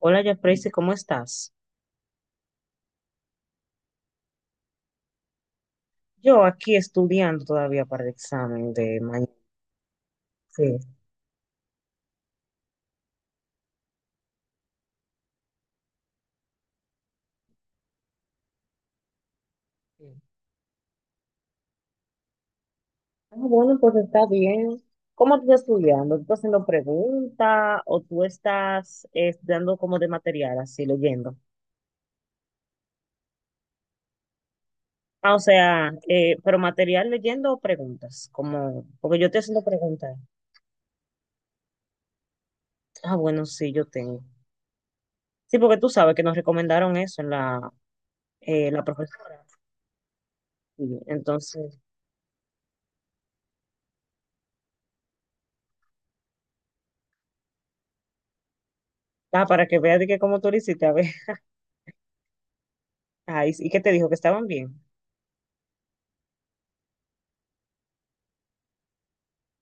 Hola, ya, ¿cómo estás? Yo aquí estudiando todavía para el examen de mañana. Sí. Sí. Ah, bueno, pues está bien. ¿Cómo tú estás estudiando? ¿Tú estás haciendo preguntas o tú estás estudiando como de material, así leyendo? Ah, o sea, pero material leyendo o preguntas, como, porque yo estoy haciendo preguntas. Ah, bueno, sí, yo tengo. Sí, porque tú sabes que nos recomendaron eso en la profesora. Sí, entonces, ah, para que veas de que cómo tú lo hiciste, a ver. Ah, y que te dijo que estaban bien.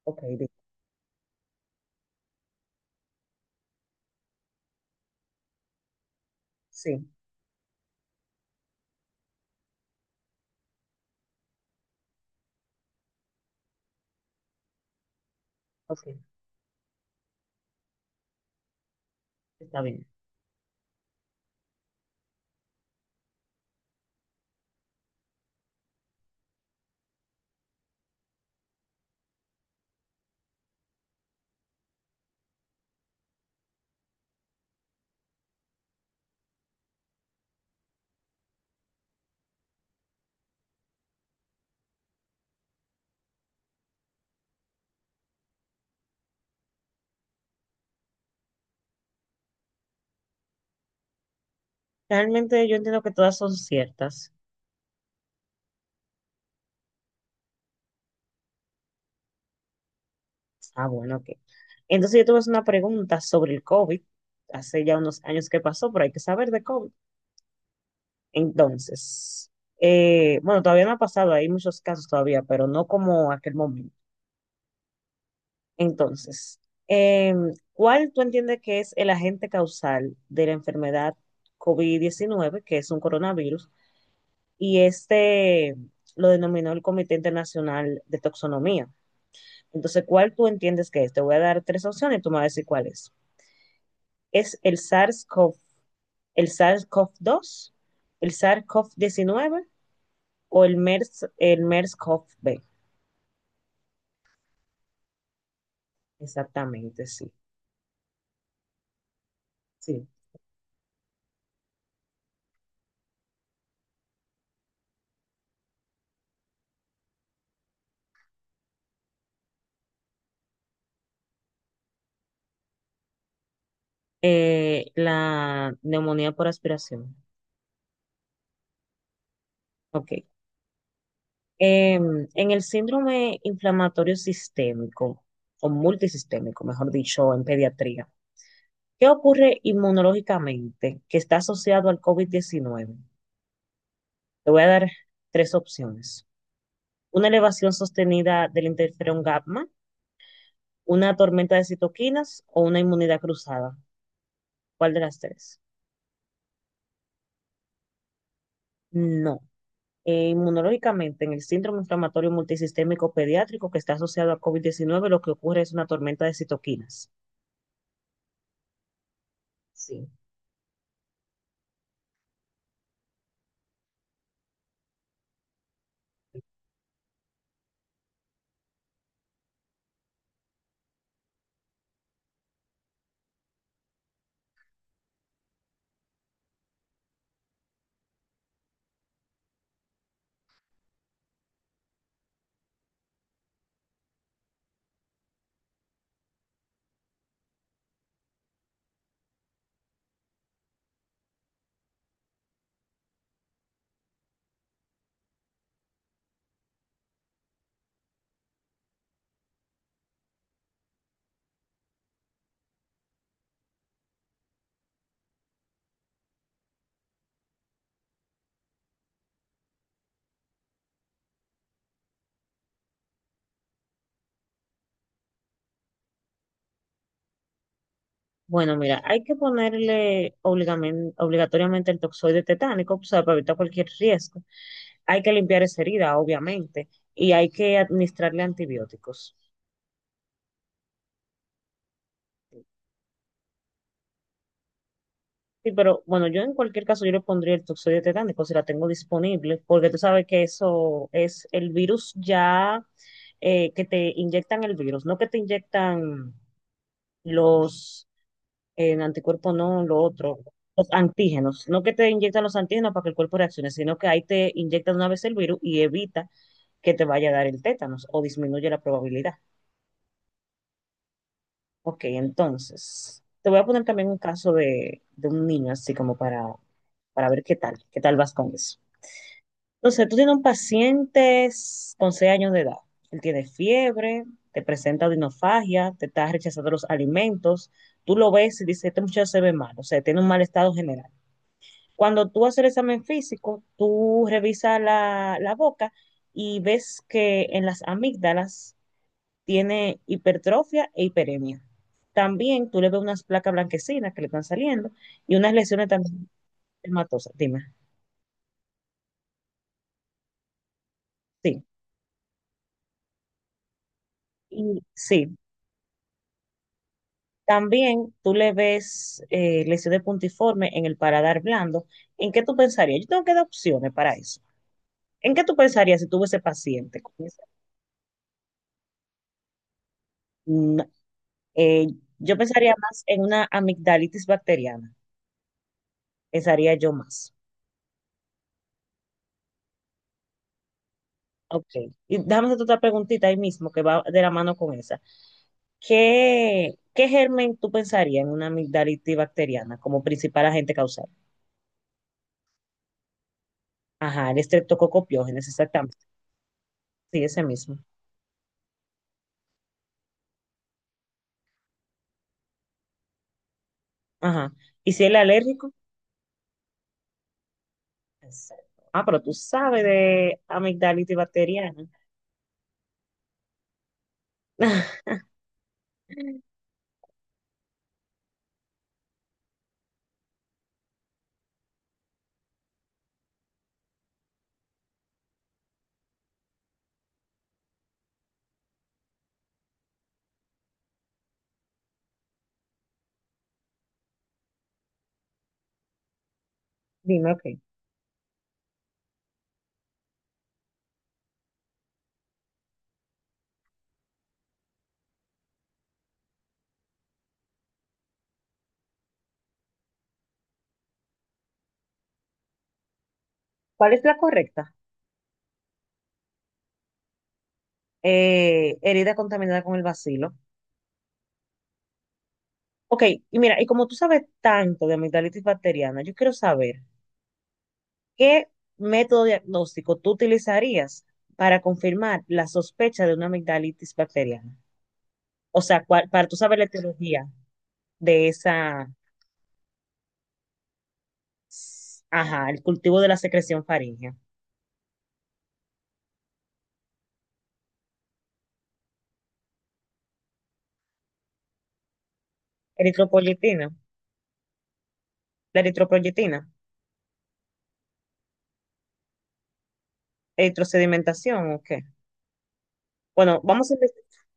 Ok, di- sí, ok, está bien. Realmente yo entiendo que todas son ciertas. Ah, bueno, ok. Entonces yo tuve una pregunta sobre el COVID. Hace ya unos años que pasó, pero hay que saber de COVID. Entonces, bueno, todavía no ha pasado, hay muchos casos todavía, pero no como aquel momento. Entonces, eh, ¿cuál tú entiendes que es el agente causal de la enfermedad covid diecinueve, que es un coronavirus? Y este lo denominó el Comité Internacional de Toxonomía. Entonces, ¿cuál tú entiendes que es? Te voy a dar tres opciones y tú me vas a decir cuál es. ¿Es el SARS-CoV, el SARS-CoV-2, el SARS-CoV-19 o el MERS, el MERS-CoV-B? Exactamente, sí. Sí. La neumonía por aspiración. Ok. Em, en el síndrome inflamatorio sistémico o multisistémico, mejor dicho, en pediatría, ¿qué ocurre inmunológicamente que está asociado al COVID-19? Te voy a dar tres opciones. Una elevación sostenida del interferón gamma, una tormenta de citoquinas o una inmunidad cruzada. ¿Cuál de las tres? No. Inmunológicamente, en el síndrome inflamatorio multisistémico pediátrico que está asociado a covid diecinueve, lo que ocurre es una tormenta de citoquinas. Sí. Bueno, mira, hay que ponerle obligamen- obligatoriamente el toxoide tetánico, o sea, para evitar cualquier riesgo. Hay que limpiar esa herida, obviamente, y hay que administrarle antibióticos. Sí, pero bueno, yo en cualquier caso yo le pondría el toxoide tetánico si la tengo disponible, porque tú sabes que eso es el virus ya, que te inyectan el virus, no que te inyectan los anticuerpos, no lo otro, los antígenos, no que te inyectan los antígenos para que el cuerpo reaccione, sino que ahí te inyectan una vez el virus y evita que te vaya a dar el tétanos o disminuye la probabilidad. Ok, entonces, te voy a poner también un caso de un niño así como para ver qué tal vas con eso. Entonces, tú tienes un paciente con 6 años de edad. Él tiene fiebre, te presenta odinofagia, te está rechazando los alimentos. Tú lo ves y dices, este muchacho se ve mal, o sea, tiene un mal estado general. Cuando tú haces el examen físico, tú revisas la boca y ves que en las amígdalas tiene hipertrofia e hiperemia. También tú le ves unas placas blanquecinas que le están saliendo y unas lesiones también hematosas. Dime, sí. Y sí, también tú le ves lesión de puntiforme en el paladar blando. ¿En qué tú pensarías? Yo tengo que dar opciones para eso. ¿En qué tú pensarías si tuve ese paciente con esa-? Mm, eh, yo pensaría más en una amigdalitis bacteriana. Pensaría yo más. Ok. Y déjame hacerte otra preguntita ahí mismo que va de la mano con esa. Qué germen tú pensarías en una amigdalitis bacteriana como principal agente causal? Ajá, el estreptococo piógenes, exactamente. Sí, ese mismo. Ajá. ¿Y si él es alérgico? Exacto. Ah, pero tú sabes de amigdalitis bacteriana. Dime, ok. ¿Cuál es la correcta? Herida contaminada con el bacilo. Ok, y mira, y como tú sabes tanto de amigdalitis bacteriana, yo quiero saber qué método diagnóstico tú utilizarías para confirmar la sospecha de una amigdalitis bacteriana. O sea, cuál- para tú saber la etiología de esa, ajá, el cultivo de la secreción faríngea. Eritropoyetina, la eritropoyetina, eritrosedimentación, ok. Bueno, vamos a inves-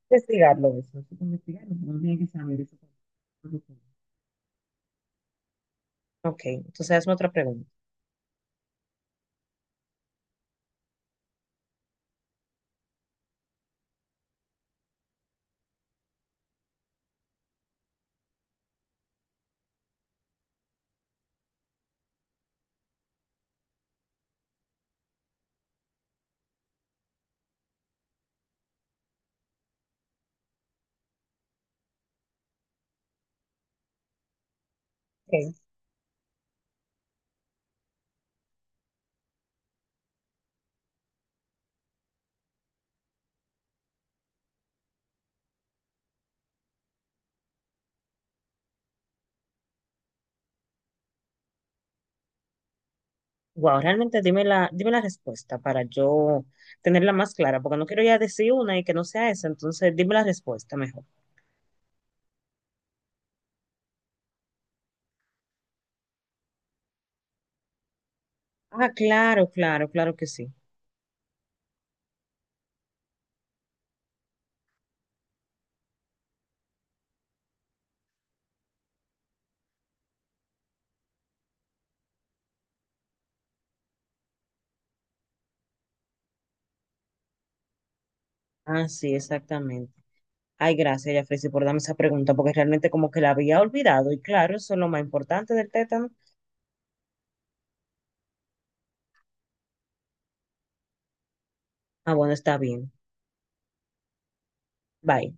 investigarlo eso. Hay que investigarlo. Uno tiene que saber eso. Ok, entonces hazme otra pregunta. Ok. Wow, realmente dime dime la respuesta para yo tenerla más clara, porque no quiero ya decir una y que no sea esa, entonces dime la respuesta mejor. Ah, claro, claro, claro que sí. Ah, sí, exactamente. Ay, gracias, Yafresi, por darme esa pregunta, porque realmente como que la había olvidado, y claro, eso es lo más importante del tétano. Ah, bueno, está bien. Bye.